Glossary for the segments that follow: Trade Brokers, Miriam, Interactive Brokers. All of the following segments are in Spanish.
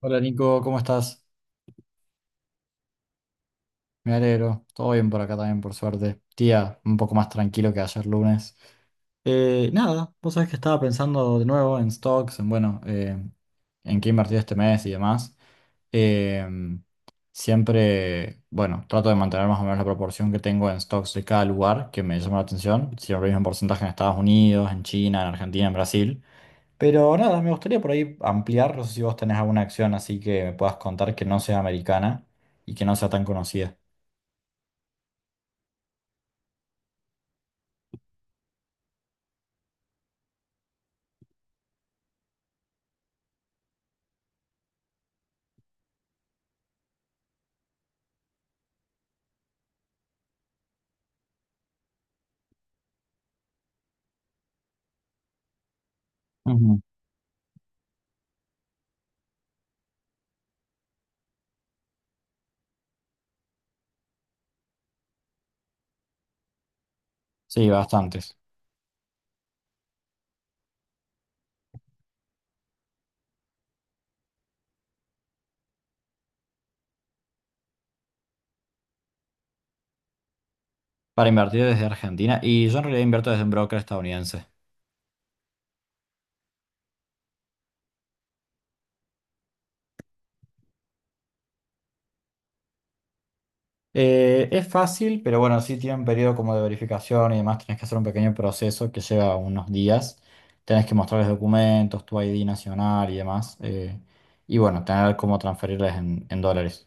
Hola Nico, ¿cómo estás? Me alegro, todo bien por acá también, por suerte. Tía, un poco más tranquilo que ayer lunes. Nada, vos sabés que estaba pensando de nuevo en stocks, en bueno, en qué invertir este mes y demás. Em, Siempre, bueno, trato de mantener más o menos la proporción que tengo en stocks de cada lugar que me llama la atención. Siempre el mismo porcentaje en Estados Unidos, en China, en Argentina, en Brasil. Pero nada, me gustaría por ahí ampliar, no sé si vos tenés alguna acción así que me puedas contar que no sea americana y que no sea tan conocida. Ujú. Sí, bastantes. Para invertir desde Argentina, y yo en realidad invierto desde un broker estadounidense. Es fácil, pero bueno, sí tiene un periodo como de verificación y demás, tenés que hacer un pequeño proceso que lleva unos días. Tenés que mostrarles documentos, tu ID nacional y demás. Y bueno, tener cómo transferirles en dólares.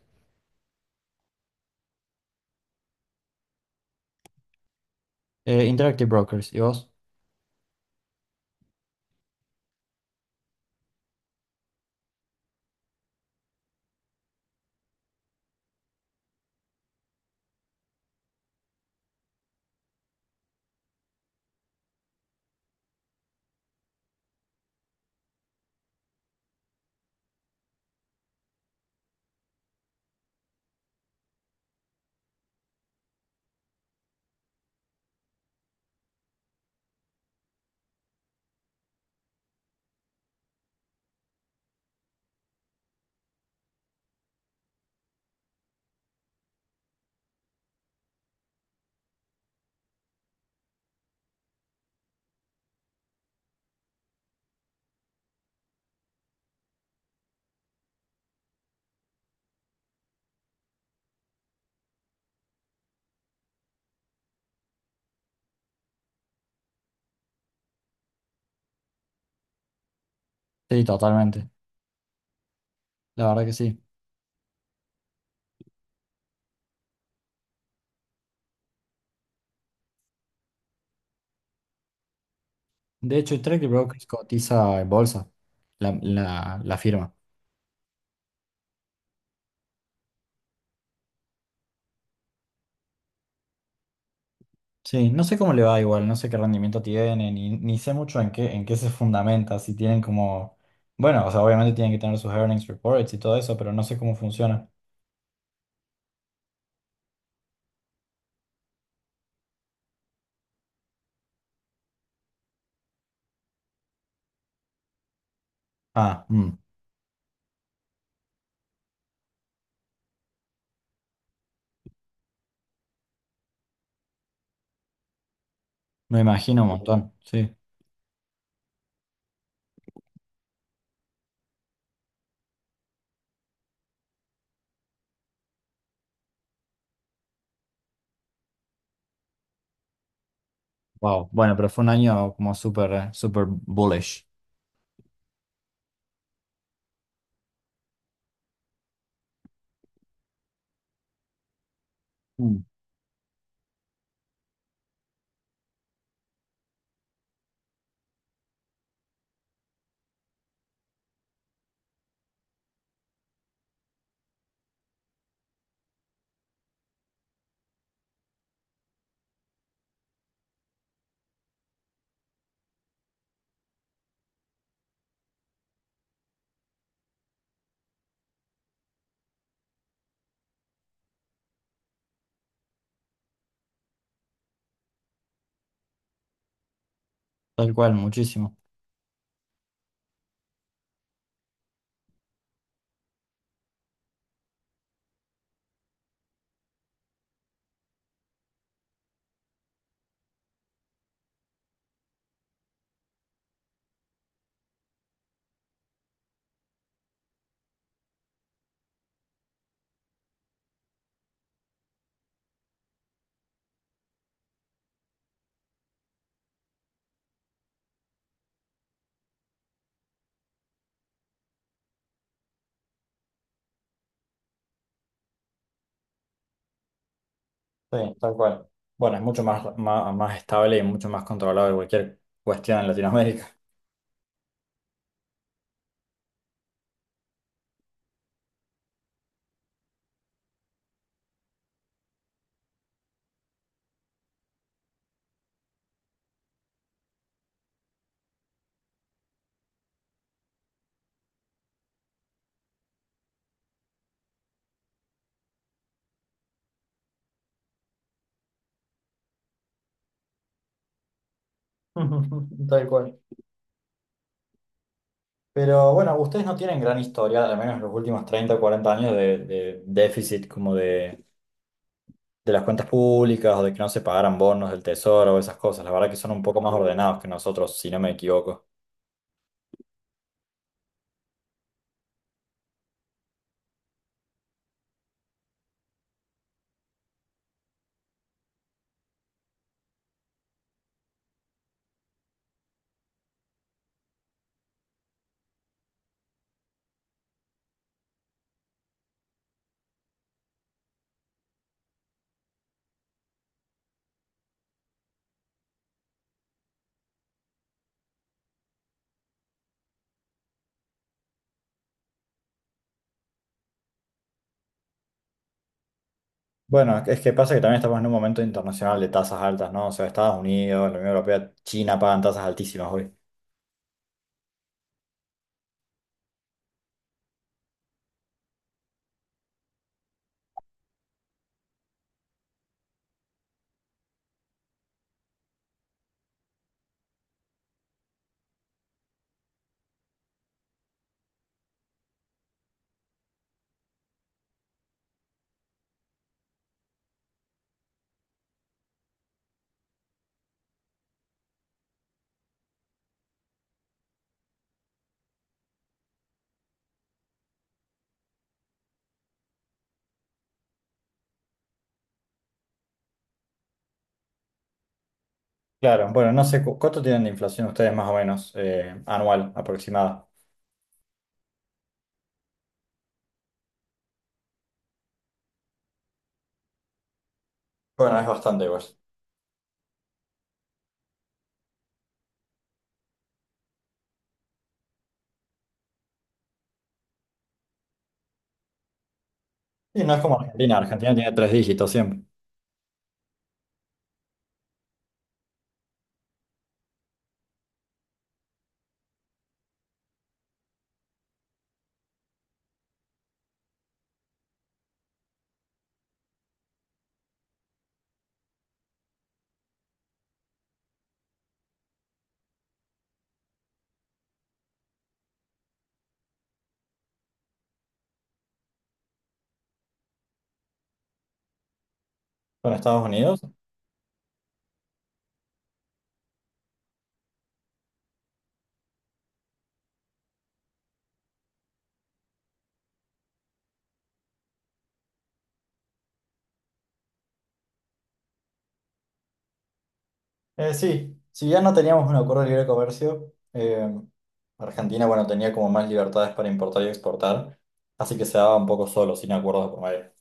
Interactive Brokers, ¿y vos? Sí, totalmente. La verdad que sí. De hecho, Trade Brokers cotiza en bolsa, la firma. Sí, no sé cómo le va igual, no sé qué rendimiento tiene, ni sé mucho en qué se fundamenta, si tienen como... Bueno, o sea, obviamente tienen que tener sus earnings reports y todo eso, pero no sé cómo funciona. Ah, mm, Me imagino un montón, sí. Wow, bueno, pero fue un año como súper, súper bullish. Mm. Tal cual, muchísimo. Sí, tal cual. Bueno, es mucho más, más, más estable y mucho más controlado que cualquier cuestión en Latinoamérica. Tal cual. Pero bueno, ustedes no tienen gran historia, al menos en los últimos 30 o 40 años, de déficit como de las cuentas públicas o de que no se pagaran bonos del tesoro o esas cosas. La verdad que son un poco más ordenados que nosotros, si no me equivoco. Bueno, es que pasa que también estamos en un momento internacional de tasas altas, ¿no? O sea, Estados Unidos, la Unión Europea, China pagan tasas altísimas hoy. Claro, bueno, no sé cuánto tienen de inflación ustedes más o menos anual aproximada. Bueno, es bastante, pues. Y no es como Argentina, Argentina tiene tres dígitos siempre. Bueno, Estados Unidos. Sí, si ya no teníamos un acuerdo de libre comercio, Argentina, bueno, tenía como más libertades para importar y exportar, así que se daba un poco solo, sin acuerdos de por medio.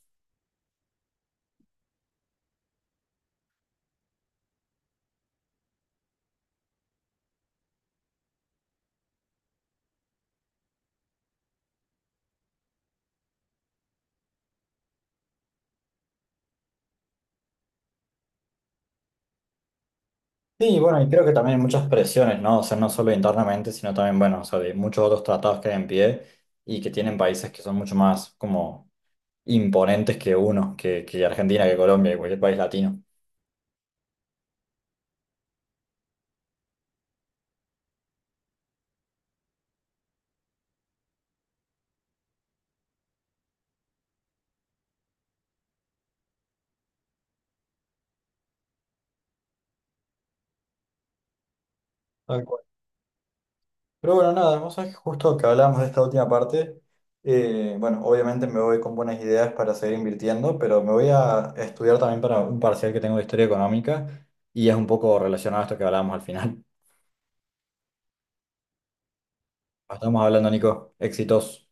Sí, bueno, y creo que también hay muchas presiones, ¿no? O sea, no solo internamente, sino también, bueno, o sea, de muchos otros tratados que hay en pie y que tienen países que son mucho más como imponentes que uno, que Argentina, que Colombia, que cualquier país latino. Tal cual. Pero bueno, nada, vos sabés que justo que hablábamos de esta última parte, bueno, obviamente me voy con buenas ideas para seguir invirtiendo, pero me voy a estudiar también para un parcial que tengo de historia económica y es un poco relacionado a esto que hablábamos al final. Estamos hablando, Nico, éxitos.